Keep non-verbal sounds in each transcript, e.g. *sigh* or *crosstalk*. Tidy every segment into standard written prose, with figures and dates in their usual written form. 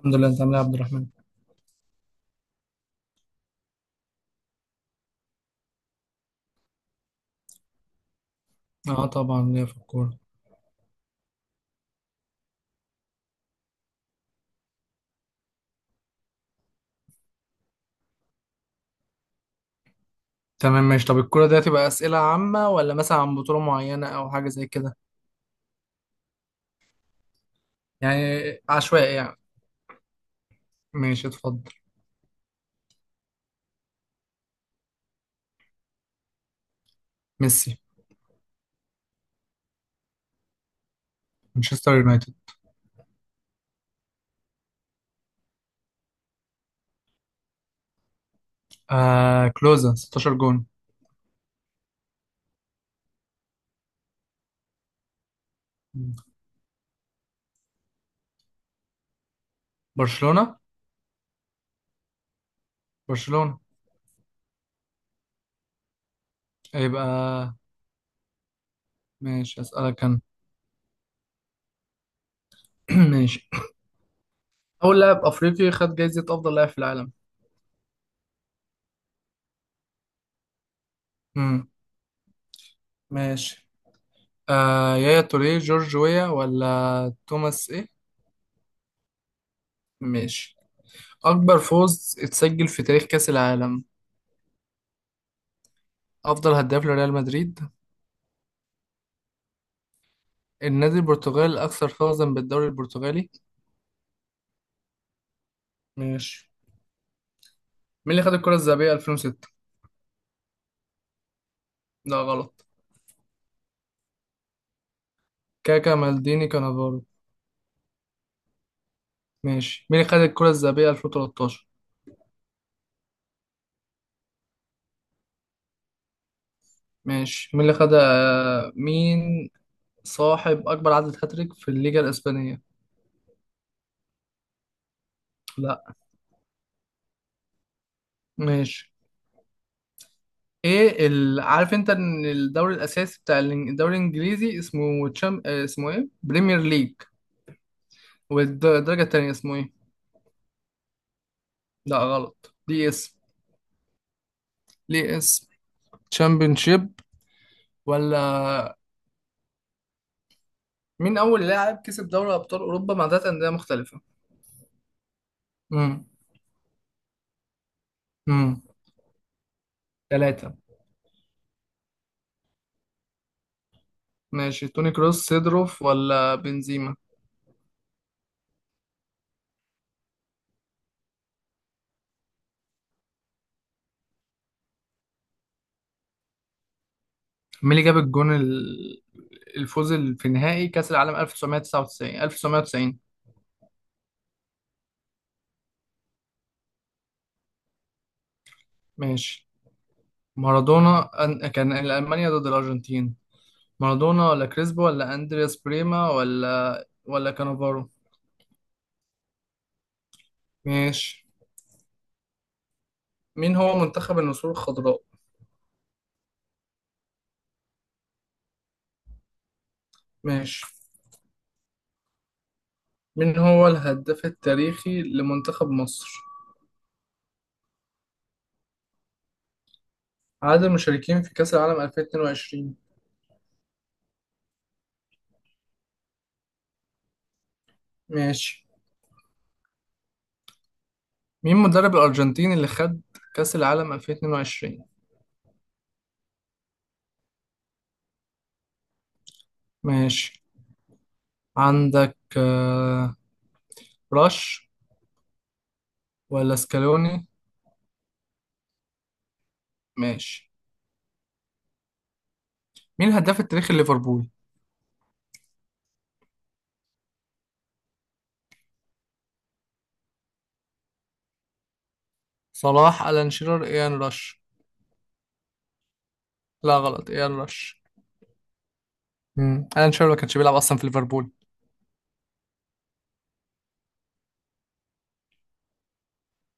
الحمد لله، انت عامل ايه يا عبد الرحمن؟ اه، طبعا ليا في الكوره. تمام ماشي. طب الكوره ده تبقى اسئله عامه ولا مثلا عن بطوله معينه او حاجه زي كده؟ يعني عشوائي يعني. ماشي اتفضل. ميسي. مانشستر يونايتد. كلوزا 16 جون. مم. برشلونه، برشلونه. يبقى. ماشي اسالك انا. *clears throat* ماشي. اول لاعب افريقي خد جايزه افضل لاعب في العالم؟ امم ماشي. يايا توريه، جورج ويا، ولا توماس ايه؟ ماشي. أكبر فوز اتسجل في تاريخ كأس العالم؟ أفضل هداف لريال مدريد؟ النادي البرتغالي الأكثر فوزا بالدوري البرتغالي؟ ماشي. مين اللي خد الكرة الذهبية 2006؟ لا، غلط. كاكا، مالديني، كانافارو؟ ماشي. مين اللي خد الكرة الذهبية 2013؟ ماشي. مين اللي خد آه، مين صاحب أكبر عدد هاتريك في الليجا الإسبانية؟ لا. ماشي. عارف انت ان الدوري الاساسي بتاع الدوري الانجليزي اسمه تشام... آه، اسمه ايه بريمير ليج؟ والدرجة التانية اسمه ايه؟ لا غلط. ليه اسم. ليه اسم تشامبيونشيب ولا. مين أول لاعب كسب دوري أبطال أوروبا مع تلات أندية مختلفة؟ امم امم ثلاثة. ماشي، توني كروس، سيدروف، ولا بنزيما؟ مين اللي جاب الفوز في نهائي كأس العالم 1999، 1990؟ ماشي. مارادونا كان ألمانيا ضد الأرجنتين. مارادونا، ولا كريسبو، ولا أندرياس بريما، ولا كانافارو؟ ماشي. مين هو منتخب النسور الخضراء؟ ماشي. من هو الهداف التاريخي لمنتخب مصر؟ عدد المشاركين في كأس العالم 2022؟ ماشي. مين مدرب الأرجنتين اللي خد كأس العالم 2022؟ ماشي. عندك راش ولا سكالوني؟ ماشي. مين الهداف التاريخي لليفربول؟ صلاح، ألان شيرر، إيان راش؟ لا غلط، إيان راش. مم. ألان شيرر ما كانش بيلعب أصلا في ليفربول.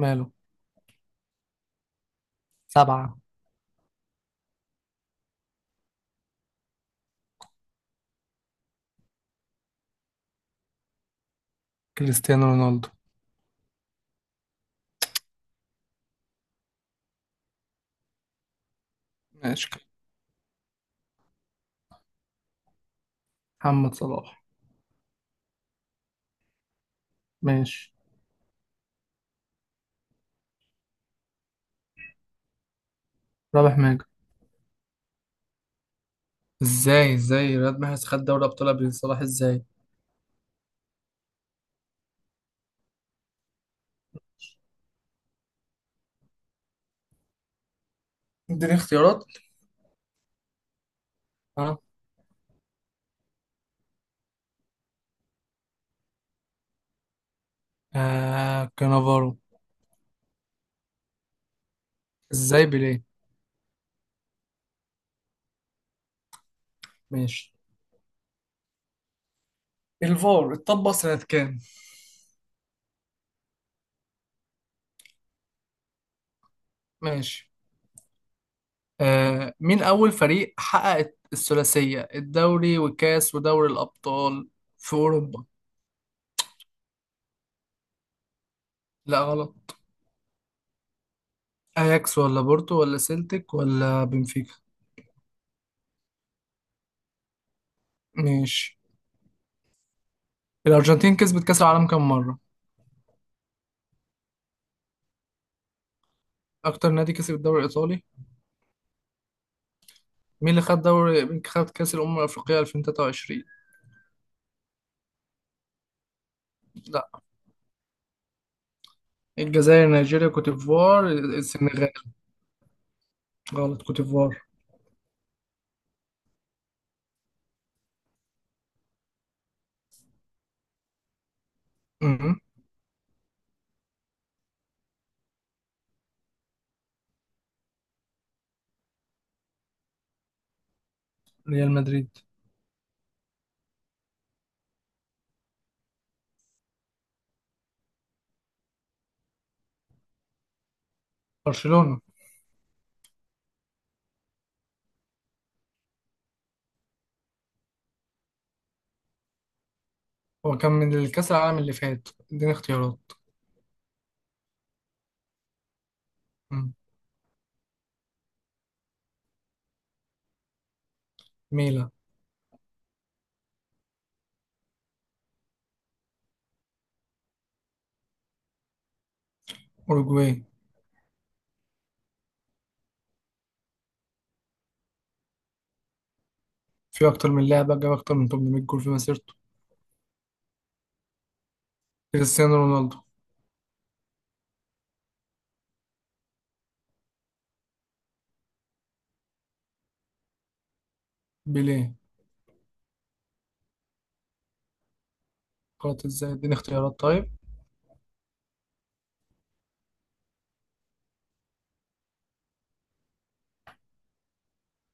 ماله. سبعة. كريستيانو رونالدو. ماشي. محمد صلاح. ماشي. رابح ماجد. ازاي رياض محرز خد دوري ابطال قبل صلاح ازاي؟ اديني اختيارات. اه. كانافارو. ازاي بيليه؟ ماشي. الفار اتطبق سنة كام؟ ماشي. مين اول فريق حقق الثلاثية، الدوري والكاس ودوري الابطال في اوروبا؟ لا غلط. اياكس، ولا بورتو، ولا سيلتيك، ولا بنفيكا؟ ماشي. الارجنتين كسبت كاس العالم كام مرة؟ اكتر نادي كسب الدوري الايطالي؟ مين خد كاس الامم الافريقية 2023؟ الجزائر، نيجيريا، كوت ديفوار، السنغال؟ غلط، كوت ديفوار. مهم. ريال مدريد. برشلونة. هو كان من الكأس العالم اللي فات، اديني اختيارات. مم. ميلا. أوروجواي. في أكتر من لاعب جاب أكتر من 800 جول في مسيرته. كريستيانو رونالدو. بيليه. غلط، إزاي؟ اديني اختيارات طيب.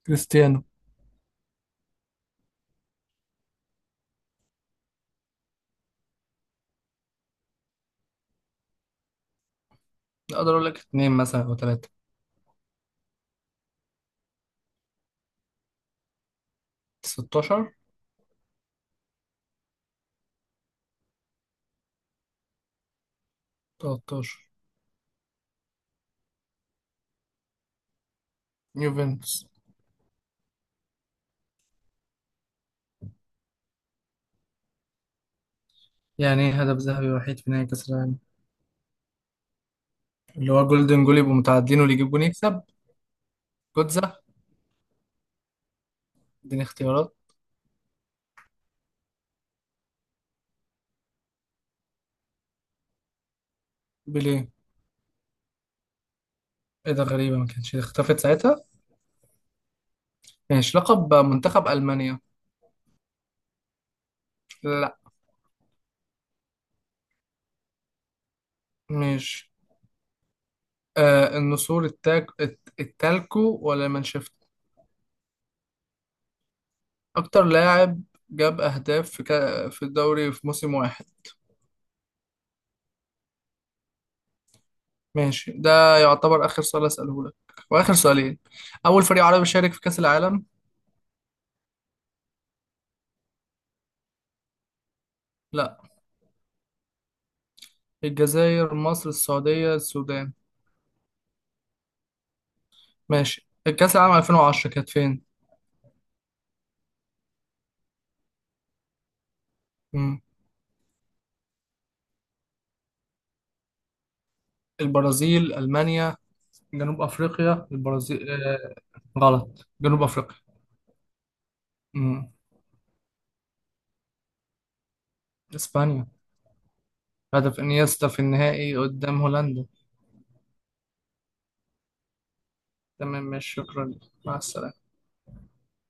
كريستيانو. أقدر أقول لك اتنين مثلا أو تلاتة. 16. 13. يوفنتوس. يعني إيه هدف ذهبي وحيد في نهائي كأس العالم؟ اللي هو جولدن جول، يبقوا متعادلين واللي يجيب جول يكسب. جوتزا. اديني اختيارات. بيليه. ايه ده، غريبة ما كانتش اختفت ساعتها. ماشي. لقب منتخب ألمانيا؟ لا. ماشي. النسور، التالكو ولا مانشفت؟ أكتر لاعب جاب أهداف في الدوري في موسم واحد؟ ماشي. ده يعتبر آخر سؤال أسأله لك، وآخر سؤالين. أول فريق عربي شارك في كأس العالم؟ لا. الجزائر، مصر، السعودية، السودان؟ ماشي. الكأس العالم 2010 كانت فين؟ مم. البرازيل، ألمانيا، جنوب أفريقيا، البرازيل؟ غلط، جنوب أفريقيا. مم. اسبانيا. هدف انيستا في النهائي قدام هولندا. تمام ماشي، شكرا. مع السلامة.